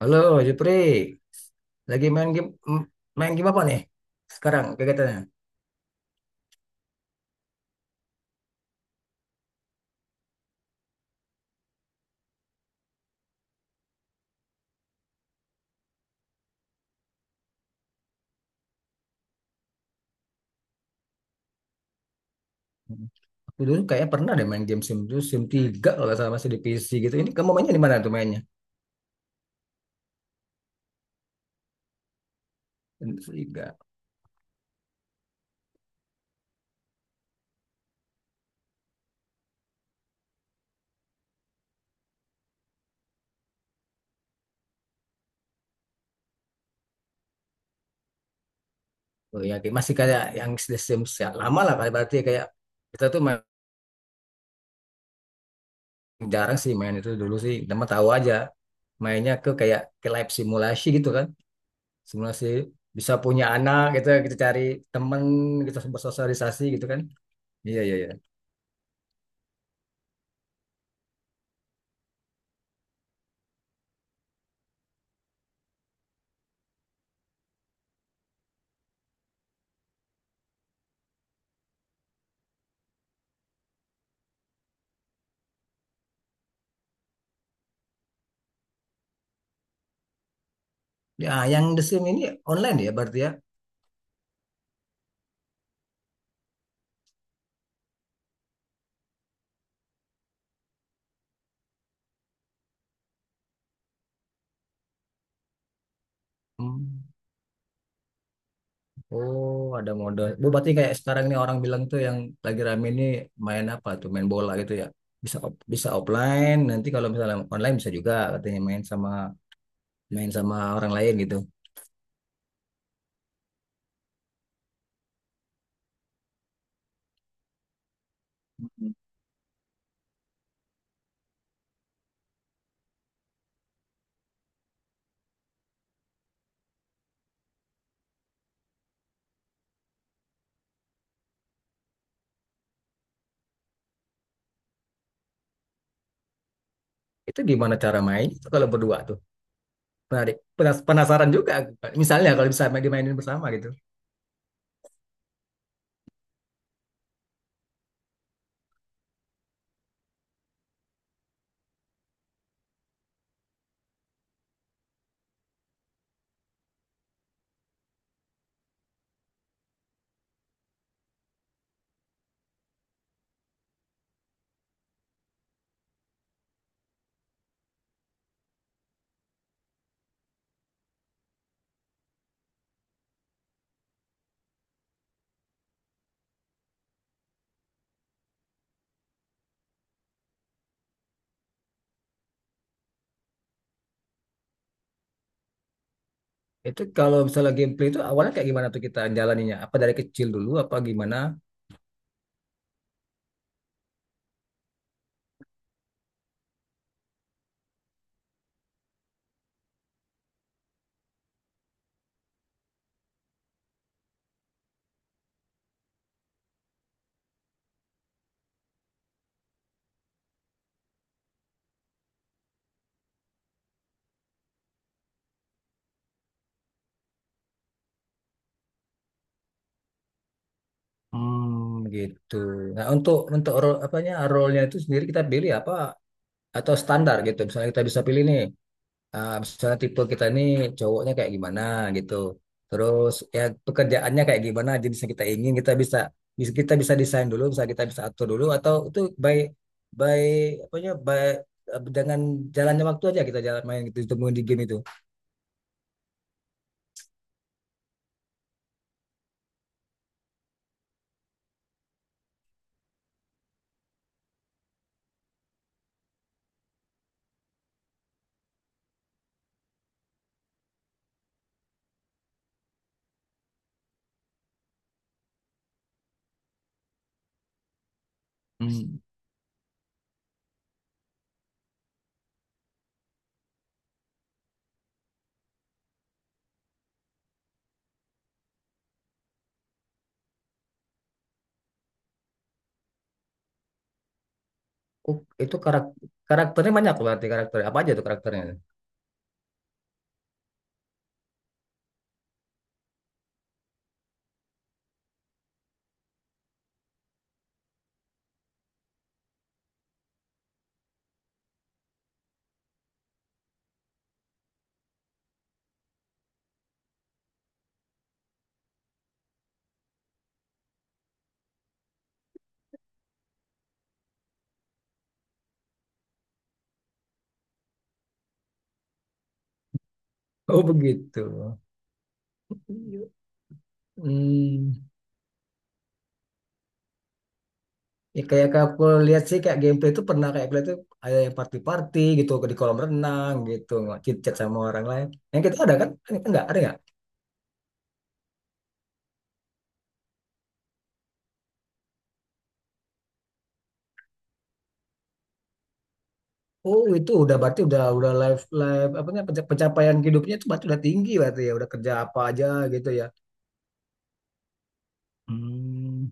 Halo, Jupri. Lagi main game m- main game apa nih? Sekarang kegiatannya. Hmm. Aku dulu kayaknya pernah deh main game Sim 2, Sim 3 kalau nggak salah masih di PC gitu. Ini kamu mainnya di mana tuh mainnya? Sim 3. Oh ya, masih kayak yang Sim ya, lama lah kayak berarti kayak kita tuh main, jarang sih main itu dulu sih. Cuma tahu aja mainnya ke kayak ke live simulasi gitu kan. Simulasi bisa punya anak gitu, kita cari temen, kita bersosialisasi gitu kan. Iya, iya, iya. Ya, yang The Sim ini online ya berarti ya? Hmm. Oh, ada mode. Bu, berarti kayak sekarang ini orang bilang tuh yang lagi rame ini main apa tuh? Main bola gitu ya. Bisa offline, nanti kalau misalnya online bisa juga katanya main sama orang lain gitu. Itu gimana cara main itu kalau berdua tuh? Menarik. Penasaran juga. Misalnya kalau bisa main dimainin bersama gitu. Itu kalau misalnya gameplay itu awalnya kayak gimana tuh kita jalaninya? Apa dari kecil dulu apa gimana? Hmm, gitu. Nah, untuk role apanya role-nya itu sendiri kita pilih apa atau standar gitu. Misalnya kita bisa pilih nih, ah, misalnya tipe kita ini cowoknya kayak gimana gitu. Terus ya pekerjaannya kayak gimana, jenisnya kita ingin kita bisa bisa kita bisa desain dulu, bisa kita bisa atur dulu atau itu by apa ya dengan jalannya waktu aja kita jalan main gitu ditemuin di game itu. Hmm. Oh, itu karakternya banyak berarti karakter apa aja tuh karakternya? Oh begitu. Hmm. Ya kayak kayak aku lihat sih kayak gameplay itu pernah kayak aku lihat tuh ada yang party-party gitu di kolam renang gitu chit-chat sama orang lain. Yang kita ada kan? Enggak, ada enggak? Oh, itu udah berarti udah live live apa namanya pencapaian hidupnya itu berarti udah tinggi berarti ya udah kerja apa aja gitu ya. Hmm.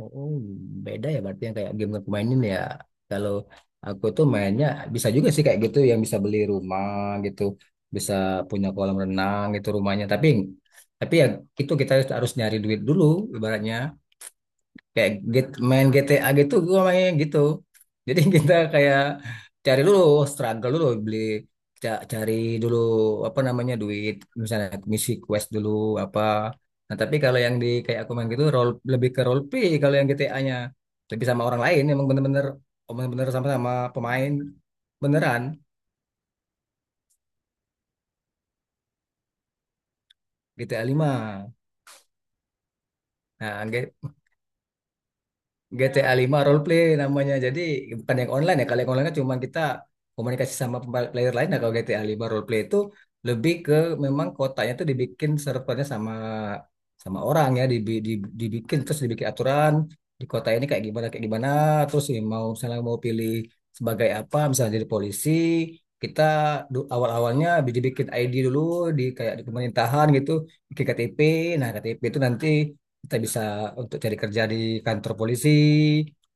Oh, beda ya berarti yang kayak game yang aku mainin ya. Kalau aku tuh mainnya bisa juga sih kayak gitu yang bisa beli rumah gitu, bisa punya kolam renang gitu rumahnya. Tapi ya itu kita harus nyari duit dulu ibaratnya kayak main GTA gitu gua mainnya gitu jadi kita kayak cari dulu struggle dulu beli cari dulu apa namanya duit, misalnya misi quest dulu apa. Nah, tapi kalau yang di kayak aku main gitu role lebih ke role play, kalau yang GTA-nya lebih sama orang lain emang bener sama-sama pemain beneran. GTA 5, nah, GTA 5 role play namanya. Jadi bukan yang online ya. Kalau yang online kan cuma kita komunikasi sama player lain. Nah, kalau GTA 5 role play itu lebih ke memang kotanya tuh dibikin servernya sama sama orang ya, dibikin terus dibikin aturan di kota ini kayak gimana kayak gimana. Terus ya mau misalnya mau pilih sebagai apa, misalnya jadi polisi kita awal-awalnya dibikin ID dulu di kayak di pemerintahan gitu, bikin KTP. Nah, KTP itu nanti kita bisa untuk cari kerja di kantor polisi.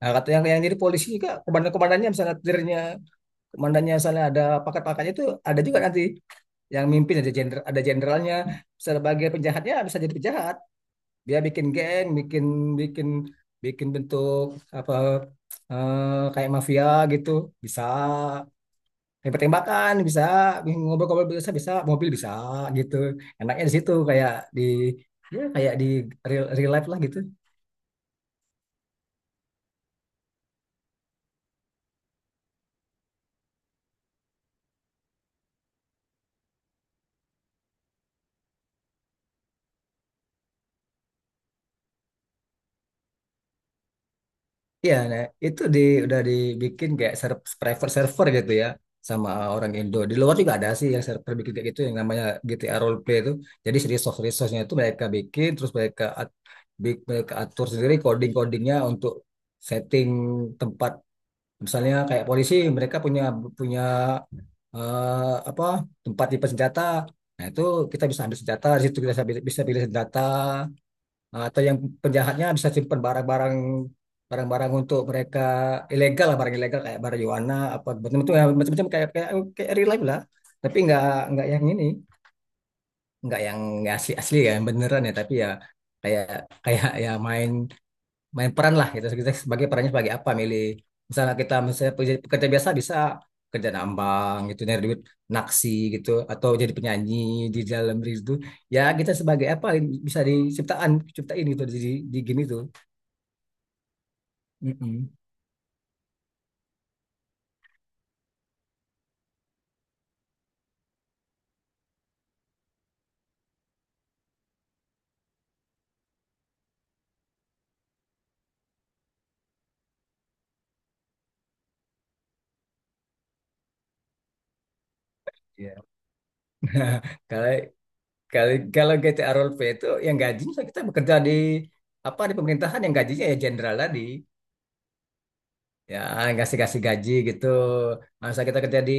Nah, kata yang jadi polisi juga komandan-komandannya misalnya tirnya, komandannya misalnya ada pangkat-pangkatnya itu ada juga nanti yang mimpin, ada jenderal, ada jenderalnya. Sebagai penjahatnya bisa jadi penjahat, dia bikin geng, bikin bikin bikin bentuk apa kayak mafia gitu, bisa tembak-tembakan, bisa ngobrol-ngobrol, bisa bisa mobil, bisa gitu. Enaknya di situ kayak di ya kayak di real, real life lah gitu. Iya, nah, itu di udah dibikin kayak private server gitu ya sama orang Indo. Di luar juga ada sih yang server bikin kayak gitu yang namanya GTA Roleplay itu. Jadi si resource-resource-nya itu mereka bikin, terus mereka atur sendiri coding-codingnya untuk setting tempat, misalnya kayak polisi mereka punya punya eh, apa tempat tipe senjata. Nah, itu kita bisa ambil senjata, di situ kita bisa bisa pilih senjata. Nah, atau yang penjahatnya bisa simpan barang-barang untuk mereka ilegal lah, barang ilegal kayak marijuana apa macam-macam ya, macam-macam kayak kayak kayak real life lah, tapi nggak yang ini nggak yang asli asli ya, yang beneran ya, tapi ya kayak kayak ya main main peran lah gitu. Kita sebagai perannya sebagai apa milih, misalnya kita misalnya pekerja biasa bisa kerja nambang gitu nyari duit, naksi gitu, atau jadi penyanyi di dalam diri itu. Ya kita sebagai apa bisa ciptain gitu di game itu. Mm-mm. Iya. kalau kalau kalau GTA role play itu yang gajinya kita bekerja di apa di pemerintahan, yang gajinya ya jenderal tadi ya kasih gaji gitu. Masa kita kerja di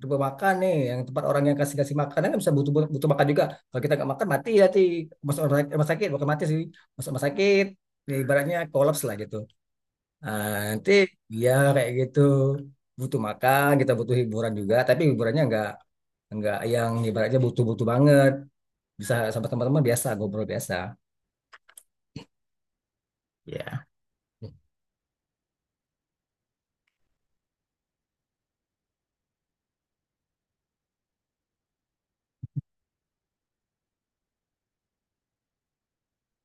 tempat makan nih, yang tempat orang yang kasih-kasih makan kan bisa, butuh butuh makan juga. Kalau kita nggak makan mati ya masuk rumah sakit. Bukan mati sih, masuk rumah sakit ya, ibaratnya kolaps lah gitu. Nah, nanti ya kayak gitu, butuh makan kita butuh hiburan juga, tapi hiburannya nggak yang ibaratnya butuh-butuh banget, bisa sama teman-teman biasa ngobrol biasa ya.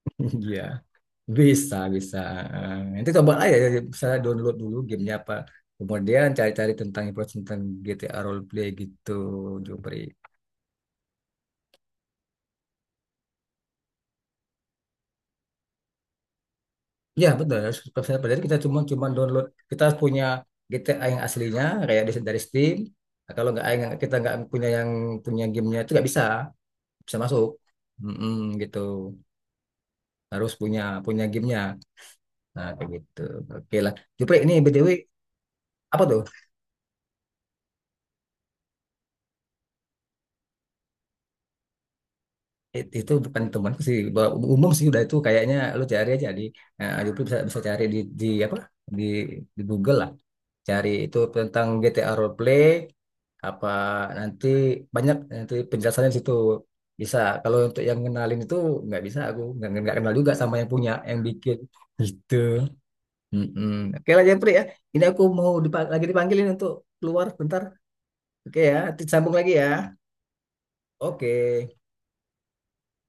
Iya. Bisa, bisa. Nanti coba aja, ya, misalnya download dulu gamenya apa. Kemudian cari-cari tentang info tentang GTA roleplay gitu, Jupri. Ya, betul. Harus profesional. Jadi kita cuma cuma download. Kita harus punya GTA yang aslinya, kayak dari Steam. Nah, kalau kita nggak punya yang punya gamenya itu nggak bisa, bisa masuk. Mm-mm, gitu. Harus punya punya gamenya. Nah, kayak gitu. Oke lah. Jupri, ini BTW apa tuh? Itu bukan temanku sih, umum sih udah itu kayaknya, lu cari aja di lu bisa bisa cari di apa di di Google lah, cari itu tentang GTA roleplay apa, nanti banyak nanti penjelasannya di situ bisa. Kalau untuk yang kenalin itu nggak bisa, aku nggak kenal juga sama yang punya yang bikin gitu. Mm-mm. Oke lah, Jeffrey, ya. Ini aku mau lagi dipanggilin untuk keluar bentar. Oke ya, nanti sambung lagi ya. Oke.